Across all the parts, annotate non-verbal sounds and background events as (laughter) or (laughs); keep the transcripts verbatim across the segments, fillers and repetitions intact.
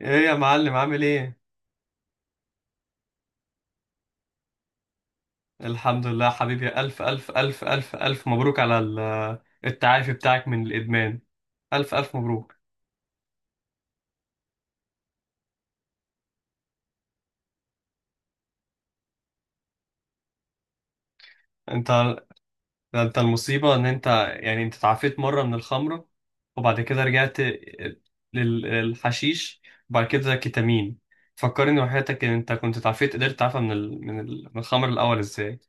ايه يا معلم، عامل ايه؟ الحمد لله حبيبي، ألف ألف ألف ألف ألف مبروك على ال- التعافي بتاعك من الإدمان. ألف ألف مبروك. انت انت المصيبة ان انت، يعني انت تعافيت مرة من الخمرة وبعد كده رجعت للحشيش وبعد كده كيتامين. فكرني وحياتك، ان انت كنت تعافيت، قدرت تعافى من ال... من ال... من الخمر الأول ازاي؟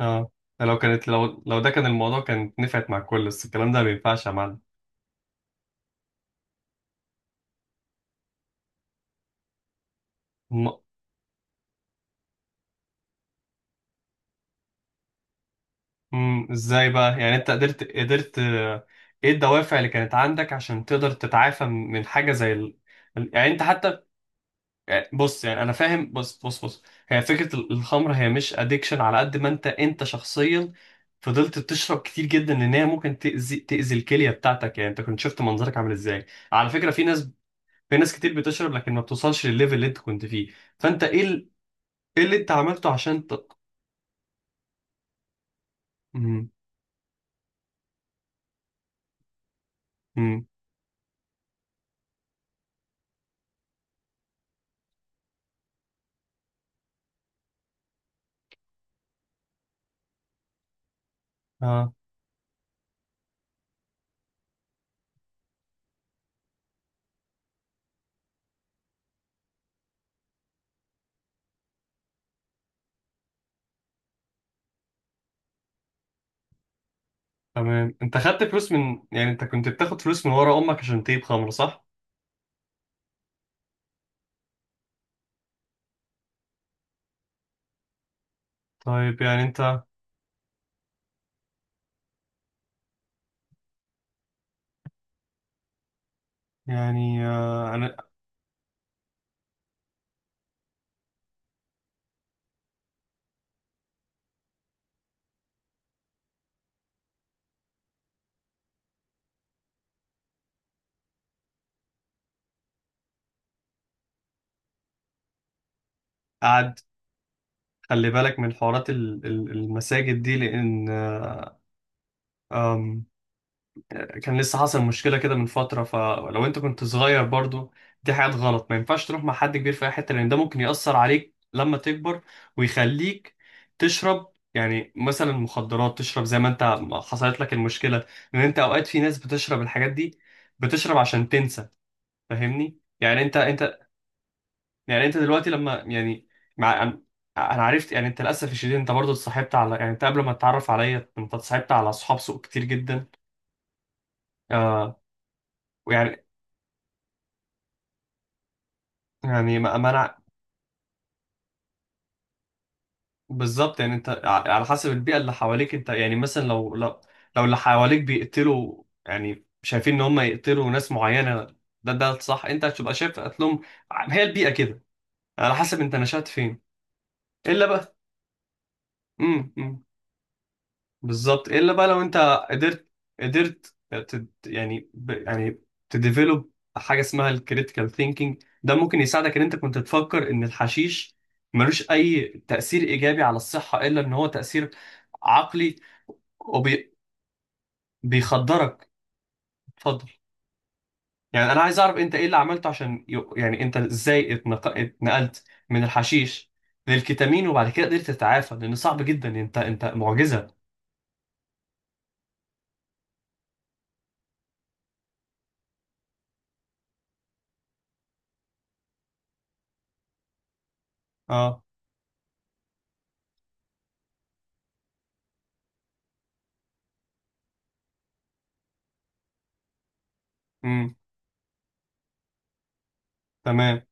اه، لو كانت لو لو ده كان الموضوع كانت نفعت مع الكل، بس الكلام ده ما ينفعش يا معلم. امم ازاي بقى، يعني انت قدرت قدرت آه، ايه الدوافع اللي كانت عندك عشان تقدر تتعافى من من حاجه زي ال... ال- يعني انت حتى، يعني بص، يعني انا فاهم. بص بص بص، هي فكره ال- الخمر، هي مش ادكشن، على قد ما انت انت شخصيا فضلت تشرب كتير جدا، لان هي ممكن تاذي تاذي الكليه بتاعتك. يعني انت كنت شفت منظرك عامل ازاي؟ على فكره في ناس، في ناس كتير بتشرب لكن ما بتوصلش للليفل اللي انت كنت فيه. فانت ايه ال... ايه اللي انت عملته عشان ت... امم امم اه، تمام. انت خدت فلوس من، يعني انت كنت بتاخد فلوس من ورا امك عشان تجيب خمره، صح؟ طيب، يعني انت، يعني آه، انا قاعد، خلي بالك من حوارات ال- ال- المساجد دي، لان آه، آم، كان لسه حصل مشكله كده من فتره. فلو انت كنت صغير برضو، دي حاجات غلط، ما ينفعش تروح مع حد كبير في اي حته، لان ده ممكن ياثر عليك لما تكبر ويخليك تشرب يعني مثلا مخدرات، تشرب زي ما انت حصلت لك المشكله. لان انت اوقات في ناس بتشرب الحاجات دي بتشرب عشان تنسى. فاهمني؟ يعني انت انت يعني انت دلوقتي لما يعني مع انا، أنا عرفت يعني انت للاسف الشديد، انت برضو اتصاحبت على، يعني انت قبل ما تتعرف عليا انت اتصاحبت على اصحاب سوء كتير جدا. آه، ويعني، يعني ما ما انا بالظبط. يعني انت ع- على حسب البيئه اللي حواليك، انت يعني مثلا لو لو لو اللي حواليك بيقتلوا، يعني شايفين ان هم يقتلوا ناس معينه، ده ده صح، انت هتبقى شايف قتلهم. هي البيئه كده، على حسب انت نشأت فين. الا بقى. امم امم. بالظبط. الا بقى لو انت قدرت، قدرت تد يعني ب يعني تديفلوب حاجه اسمها الكريتيكال ثينكينج، ده ممكن يساعدك ان انت كنت تفكر ان الحشيش ملوش اي تاثير ايجابي على الصحه الا ان هو تاثير عقلي وبيخدرك. اتفضل. يعني انا عايز اعرف، انت ايه اللي عملته عشان ي- يعني انت ازاي اتنق- اتنقلت من الحشيش للكتامين وبعد كده قدرت تتعافى؟ لان صعب جدا، انت انت معجزه. اه. امم تمام.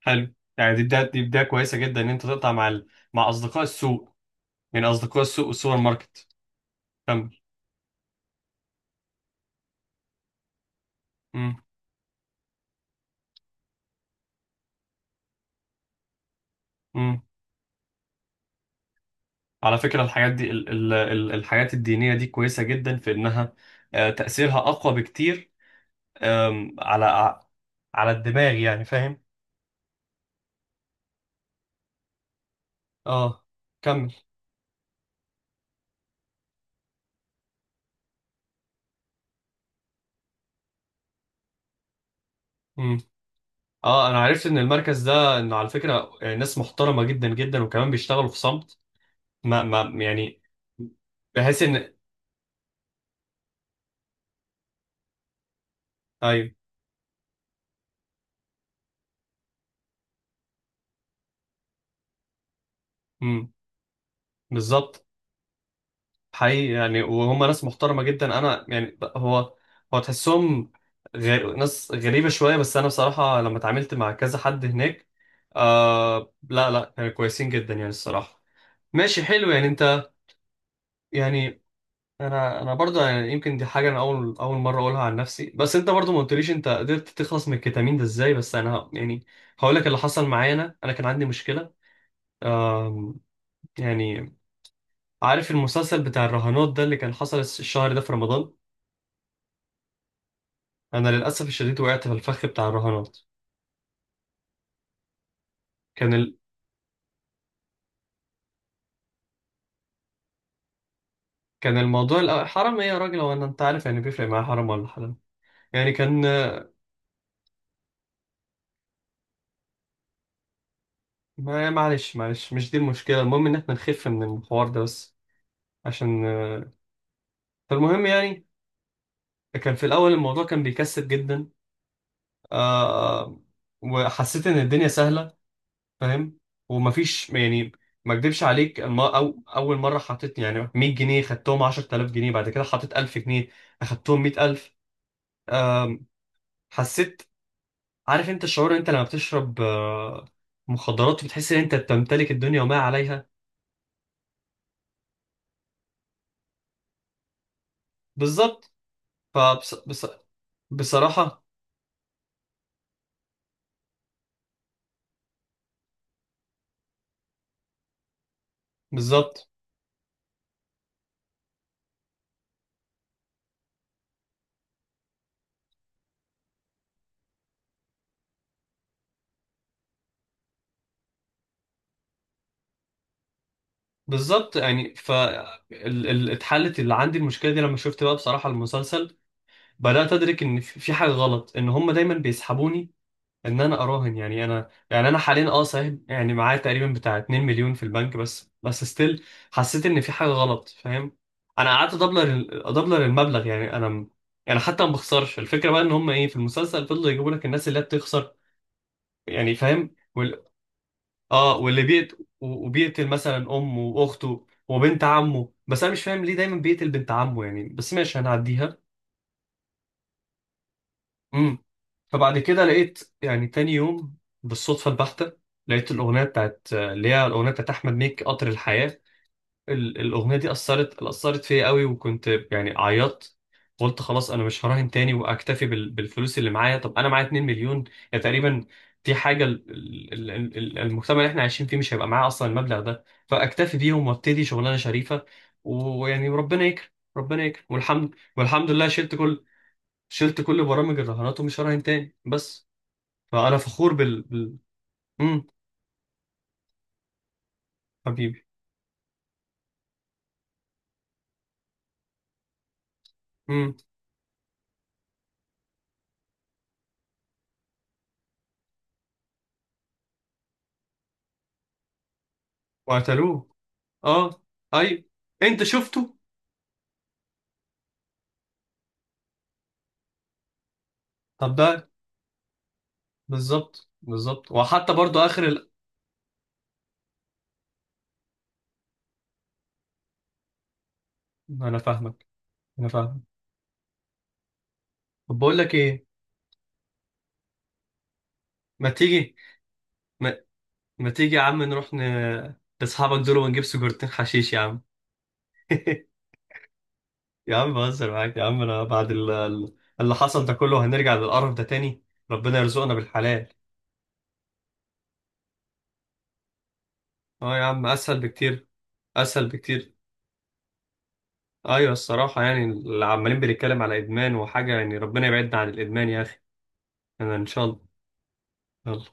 حلو، يعني دي بداية، دي بداية كويسة جدا ان انت تقطع مع ال... مع اصدقاء السوق، يعني اصدقاء السوق والسوبر ماركت. كمل. امم امم. على فكرة الحاجات دي ال... ال... ال- الحاجات الدينية دي كويسة جدا في انها آه، تأثيرها اقوى بكتير آم، على ع- على الدماغ، يعني فاهم. اه، كمل. امم اه، انا عرفت ان المركز ده انه على فكرة آه، ناس محترمة جدا جدا وكمان بيشتغلوا في صمت. ما ما يعني بحيث ان، ايوه. امم بالظبط. حقيقي، يعني وهم ناس محترمة جدا. أنا يعني ب- هو، هو تحسهم غير ناس غريبة شوية، بس أنا بصراحة لما اتعاملت مع كذا حد هناك آه، لا لا، كانوا كويسين جدا يعني الصراحة. ماشي، حلو، يعني أنت، يعني أنا أنا برضه، يعني يمكن دي حاجة أنا أول أول مرة أقولها عن نفسي، بس أنت برضه ما قلتليش أنت قدرت تخلص من الكتامين ده إزاي. بس أنا ه- يعني هقول لك اللي حصل معايا. أنا أنا كان عندي مشكلة. آم، يعني عارف المسلسل بتاع الرهانات ده اللي كان حصل الشهر ده في رمضان؟ انا للاسف الشديد وقعت في الفخ بتاع الرهانات. كان ال... كان الموضوع الأ- حرام ايه يا راجل؟ هو انا، انت عارف يعني بيفرق معايا حرام ولا حلال؟ يعني كان، ما معلش معلش، مش دي المشكله. المهم ان احنا نخف من الحوار ده بس، عشان آه، فالمهم يعني كان في الاول الموضوع كان بيكسب جدا. آه... وحسيت ان الدنيا سهله، فاهم. ومفيش يعني، ما اكدبش عليك الم... أو... اول مره حطيت يعني مية جنيه خدتهم عشرة آلاف جنيه، بعد كده حطيت ألف جنيه اخدتهم مائة ألف. آم، حسيت، عارف انت الشعور انت لما بتشرب آه، مخدرات، بتحس ان انت بتمتلك الدنيا وما عليها؟ بالظبط. فبص... بص... بصراحة. بالظبط بالظبط. يعني ف ال... ال... اتحلت اللي عندي المشكلة دي لما شفت بقى بصراحة المسلسل. بدأت أدرك إن في في حاجة غلط، إن هم دايما بيسحبوني ان انا اراهن. يعني انا، يعني انا حاليا اه صحيح، يعني معايا تقريبا بتاع 2 مليون في البنك، بس بس ستيل حسيت ان في حاجه غلط، فاهم؟ انا قعدت ادبلر ال- ادبلر المبلغ، يعني انا م- يعني حتى ما بخسرش. الفكره بقى ان هم ايه، في المسلسل فضلوا يجيبوا لك الناس اللي هي بتخسر، يعني فاهم. وال... اه، واللي بيقت... و- وبيقتل مثلا امه واخته وبنت عمه، بس انا مش فاهم ليه دايما بيقتل بنت عمه يعني، بس ماشي هنعديها. فبعد كده لقيت يعني تاني يوم بالصدفة البحتة لقيت الأغنية بتاعت، اللي هي الأغنية بتاعت أحمد مكي، قطر الحياة. ال- الأغنية دي أثرت أثرت فيا قوي، وكنت يعني عيطت. قلت خلاص أنا مش هراهن تاني وأكتفي بال- بالفلوس اللي معايا. طب أنا معايا 2 مليون يعني تقريبا، دي حاجة ال- ال- ال- ال- المجتمع اللي احنا عايشين فيه مش هيبقى معاه أصلا المبلغ ده، فأكتفي بيهم وأبتدي شغلانة شريفة ويعني ربنا يكرم، ربنا يكرم والحمد والحمد لله. شلت كل، شلت كل برامج الرهانات ومش هراهن تاني بس. فانا فخور بال, بال... امم حبيبي. امم وقتلوه. اه. ايوه، انت شفته. طب ده، بالظبط بالظبط، وحتى برضو اخر ال... انا فاهمك، انا فاهمك. طب بقول لك ايه، ما تيجي، ما, ما تيجي يا عم نروح ن... لاصحابك دول ونجيب سجارتين حشيش يا عم؟ (laughs) يا عم بهزر معاك يا عم، انا بعد ال- ال- اللي حصل ده كله هنرجع للقرف ده تاني؟ ربنا يرزقنا بالحلال. اه يا عم، اسهل بكتير، اسهل بكتير. ايوه الصراحه، يعني اللي عمالين بنتكلم على ادمان وحاجه، يعني ربنا يبعدنا عن الادمان يا اخي. انا ان شاء الله. يلا.